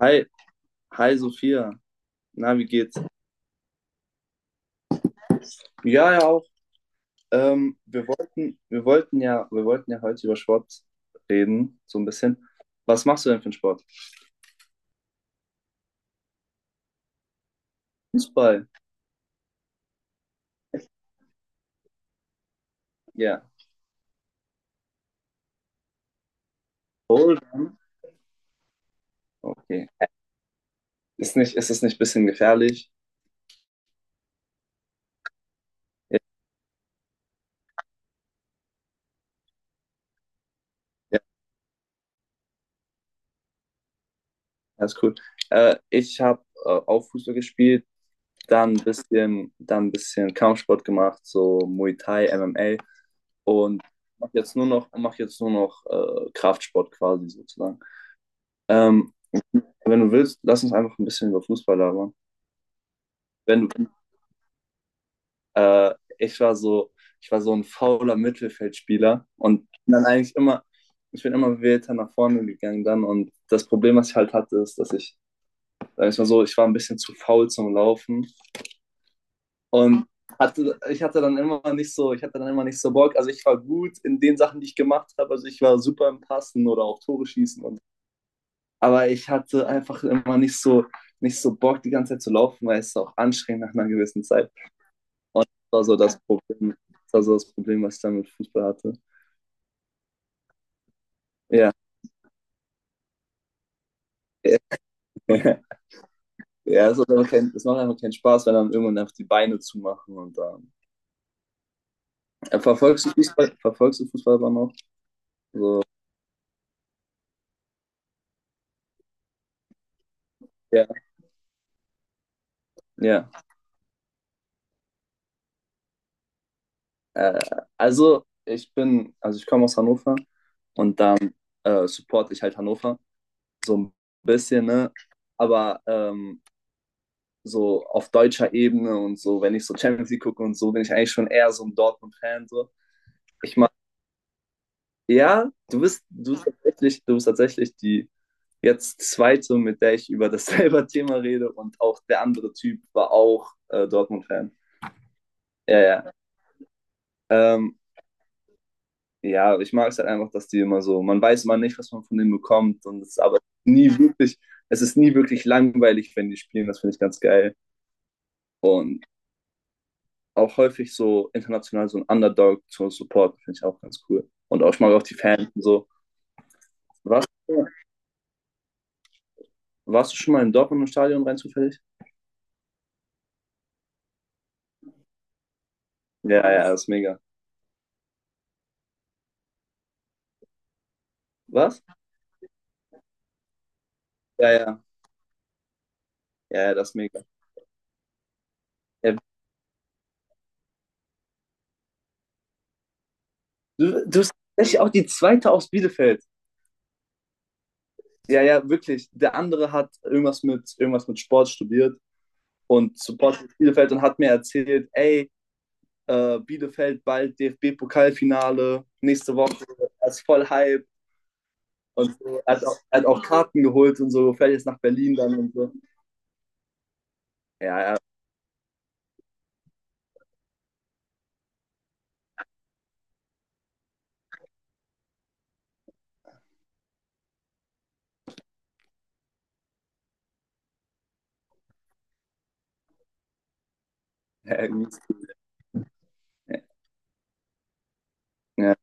Hi, hi Sophia. Na, wie geht's? Ja, ja auch. Wir wollten ja heute über Sport reden, so ein bisschen. Was machst du denn für einen Sport? Fußball. Ja. Bouldern. Okay. Ist es nicht ein bisschen gefährlich? Ja, ja, ja, ist cool. Ich habe auch Fußball gespielt, dann ein bisschen Kampfsport gemacht, so Muay Thai, MMA und mach jetzt nur noch Kraftsport quasi sozusagen. Ähm, Ja, wenn du willst, lass uns einfach ein bisschen über Fußball labern. Wenn du, äh, ich war so, ich war so ein fauler Mittelfeldspieler und bin dann eigentlich immer, ich bin immer weiter nach vorne gegangen dann und das Problem, was ich halt hatte, ist, sag ich mal so, ich war ein bisschen zu faul zum Laufen und ich hatte dann immer nicht so Bock. Also ich war gut in den Sachen, die ich gemacht habe. Also ich war super im Passen oder auch Tore schießen. Aber ich hatte einfach immer nicht so Bock, die ganze Zeit zu laufen, weil es auch anstrengend nach einer gewissen Zeit. Und das war so das Problem, was ich dann mit Fußball hatte. Ja. Ja, es macht einfach keinen Spaß, wenn dann irgendwann einfach die Beine zumachen und dann. Verfolgst du Fußball aber noch? Also, ja, ja. Äh, also ich komme aus Hannover und dann supporte ich halt Hannover. So ein bisschen, ne? Aber so auf deutscher Ebene und so, wenn ich so Champions League gucke und so, bin ich eigentlich schon eher so ein Dortmund-Fan. So. Ich mag Ja, du bist tatsächlich die jetzt zweite, mit der ich über dasselbe Thema rede, und auch der andere Typ war auch Dortmund-Fan. Ja, ja. Ähm, ja, ich mag es halt einfach, dass die immer so, man weiß immer nicht, was man von denen bekommt, und es ist aber nie wirklich, es ist nie wirklich langweilig, wenn die spielen, das finde ich ganz geil. Und auch häufig so international so ein Underdog zu supporten, finde ich auch ganz cool. Und auch, ich mag auch die Fans und so. Warst, du- warst du schon mal im Dortmunder Stadion, rein zufällig? Ja, ja, das ist mega. Was? Ja, ja, ja, ja, das ist mega. Ja, du bist tatsächlich auch die zweite aus Bielefeld. Ja, ja, wirklich. Der andere hat irgendwas mit Sport studiert und supportet Bielefeld und hat mir erzählt, ey, Bielefeld bald DFB-Pokalfinale, nächste Woche, er ist voll Hype und so. Er hat auch Karten geholt und so, fährt jetzt nach Berlin dann und so. Ja, ja, ja, gut. Ja, ja.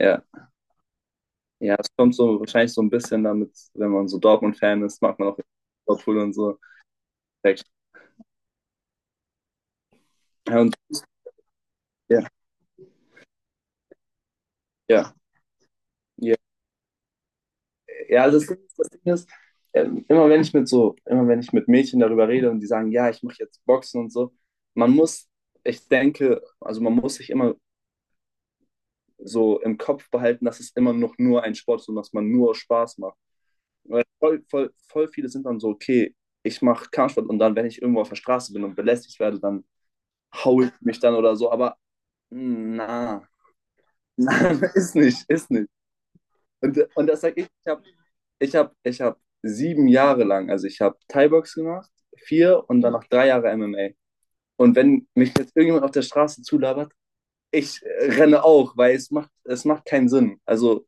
Ja. Ja, es kommt so wahrscheinlich so ein bisschen damit, wenn man so Dortmund-Fan ist, mag man auch Liverpool und so. Perfekt. Ja, und ja, ja, ja. Ja, also das Ding ist immer wenn ich mit Mädchen darüber rede und die sagen, ja, ich mache jetzt Boxen und so, man muss, ich denke, also man muss sich immer so im Kopf behalten, dass es immer noch nur ein Sport ist und dass man nur Spaß macht. Weil voll, voll, voll viele sind dann so, okay, ich mache Kampfsport und dann, wenn ich irgendwo auf der Straße bin und belästigt werde, dann haue ich mich dann oder so. Aber na, nein, ist nicht. Und das sage ich, ich hab 7 Jahre lang, also ich habe Thai-Box gemacht, vier und dann noch 3 Jahre MMA. Und wenn mich jetzt irgendjemand auf der Straße zulabert, ich renne auch, weil es macht keinen Sinn. Also,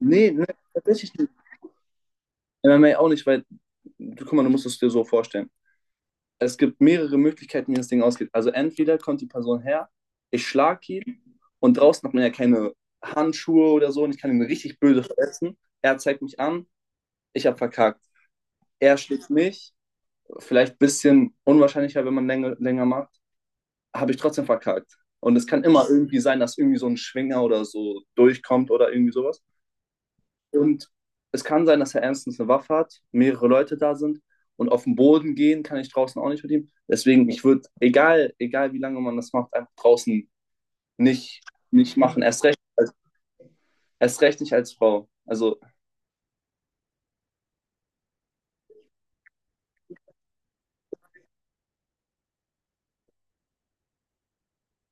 nee, nee, tatsächlich nicht. MMA auch nicht, weil, du, guck mal, du musst es dir so vorstellen. Es gibt mehrere Möglichkeiten, wie das Ding ausgeht. Also entweder kommt die Person her, ich schlag ihn, und draußen hat man ja keine Handschuhe oder so, und ich kann ihn richtig böse verletzen. Er zeigt mich an, ich habe verkackt. Er schlägt mich, vielleicht ein bisschen unwahrscheinlicher, wenn man länger, länger macht, habe ich trotzdem verkackt. Und es kann immer irgendwie sein, dass irgendwie so ein Schwinger oder so durchkommt oder irgendwie sowas. Und es kann sein, dass er ernstens eine Waffe hat, mehrere Leute da sind, und auf den Boden gehen kann ich draußen auch nicht mit ihm. Deswegen, ich würde, egal, egal wie lange man das macht, einfach draußen nicht, nicht machen. Erst recht, erst recht nicht als Frau. Also,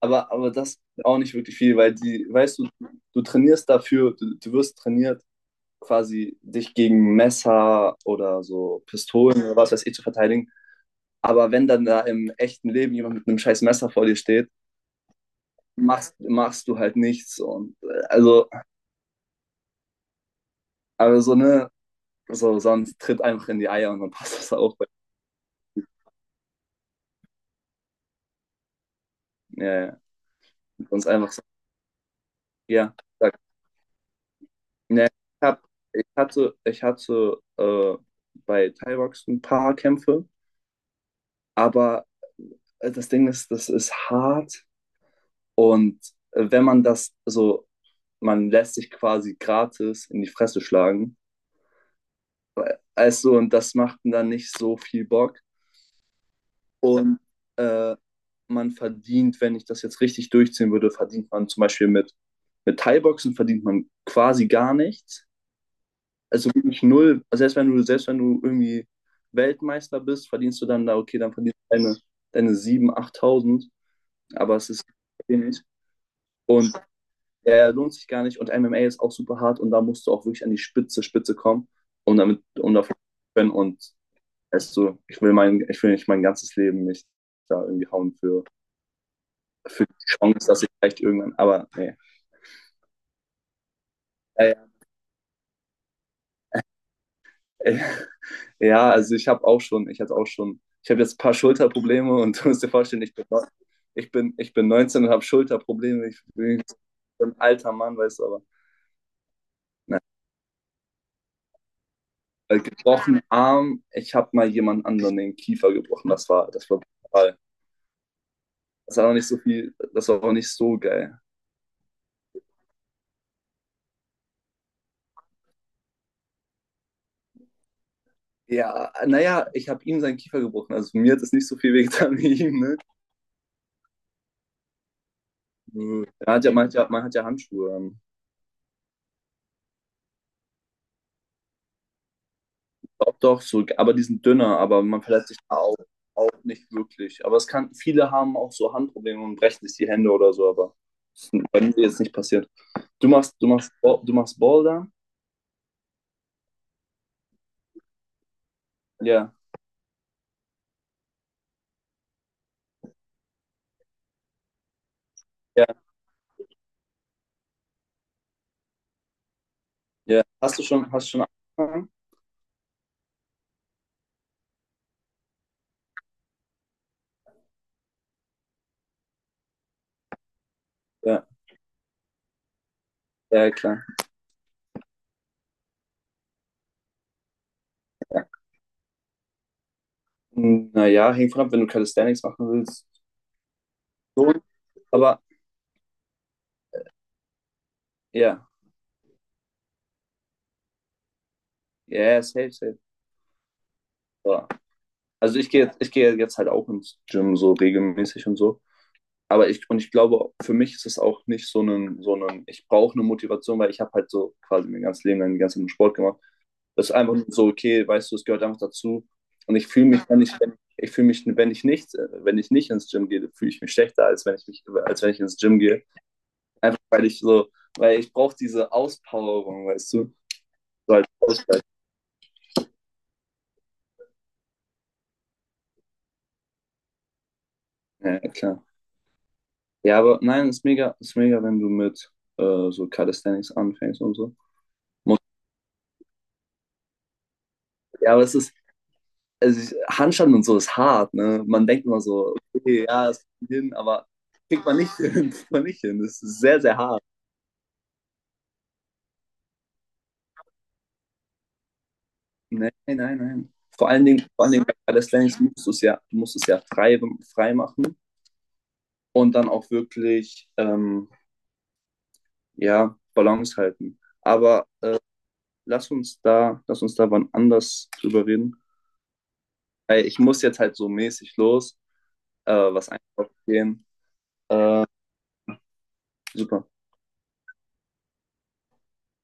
aber das ist auch nicht wirklich viel, weil die, weißt du, du wirst trainiert, quasi dich gegen Messer oder so Pistolen oder was weiß ich zu verteidigen. Aber wenn dann da im echten Leben jemand mit einem scheiß Messer vor dir steht, machst du halt nichts. Und Also, aber so, ne, so, sonst tritt einfach in die Eier und dann passt das auch. Ja, ja. Sonst einfach so, ja, sag, ne, hab, ich hatte bei Thaibox ein paar Kämpfe, aber das Ding ist, das ist hart, und wenn man das so, man lässt sich quasi gratis in die Fresse schlagen. Also, und das macht dann nicht so viel Bock. Und äh, man verdient, wenn ich das jetzt richtig durchziehen würde, verdient man zum Beispiel mit Thai-Boxen verdient man quasi gar nichts. Also wirklich null. Also selbst wenn du, selbst wenn du irgendwie Weltmeister bist, verdienst du dann da, okay, dann verdienst du deine 7.000, 8.000, aber es ist wenig. Und er lohnt sich gar nicht. Und MMA ist auch super hart, und da musst du auch wirklich an die Spitze, Spitze kommen, um davon zu können. Und weißt du, ich will nicht mein ganzes Leben nicht da irgendwie hauen für die Chance, dass ich vielleicht irgendwann, aber nee. Äh, äh, ja, also ich hatte auch schon, ich habe jetzt ein paar Schulterprobleme, und du musst dir vorstellen, ich bin 19 und habe Schulterprobleme. Ich bin ein alter Mann, weißt du, aber nein. Gebrochen Arm, ich habe mal jemand anderen den Kiefer gebrochen. Das war brutal. Das war noch nicht so viel, das war auch nicht so geil. Ja, naja, ich habe ihm seinen Kiefer gebrochen. Also mir hat es nicht so viel wehgetan wie ihm, ne? Man hat ja Handschuhe an. Doch, doch, so, aber die sind dünner, aber man verletzt sich da auch nicht wirklich. Aber es kann, viele haben auch so Handprobleme und brechen sich die Hände oder so, aber bei mir ist jetzt nicht passiert. Du machst Boulder? Ja, ja, ja. Hast du schon angefangen? Ja, ja, klar. Ja. Naja, hängt von ab, wenn du Calisthenics machen willst. So, aber ja, ja, safe, safe. Ja. Also ich gehe jetzt halt auch ins Gym so regelmäßig und so. Und ich glaube, für mich ist es auch nicht so ein, ich brauche eine Motivation, weil ich habe halt so quasi mein ganzes Leben lang den ganzen Sport gemacht. Das ist einfach so, okay, weißt du, es gehört einfach dazu. Und ich fühle mich, wenn ich nicht ins Gym gehe, fühle ich mich schlechter, als wenn ich ins Gym gehe. Einfach weil ich brauche diese Auspowerung, weißt du? So als Ausgleich. Ja, klar. Ja, aber nein, ist mega, wenn du mit so Calisthenics anfängst und so. Muss- Ja, aber es ist, also Handstand und so ist hart, ne? Man denkt immer so, okay, ja, es kommt hin, aber kriegt man nicht hin, kriegt man nicht hin. Das ist sehr, sehr hart. Nein, nein, nein. Vor allen Dingen bei Calisthenics musst du es ja, du musst es ja frei, frei machen und dann auch wirklich, ja, Balance halten. Aber lass uns da wann anders drüber reden. Ey, ich muss jetzt halt so mäßig los, was einkaufen gehen. Super.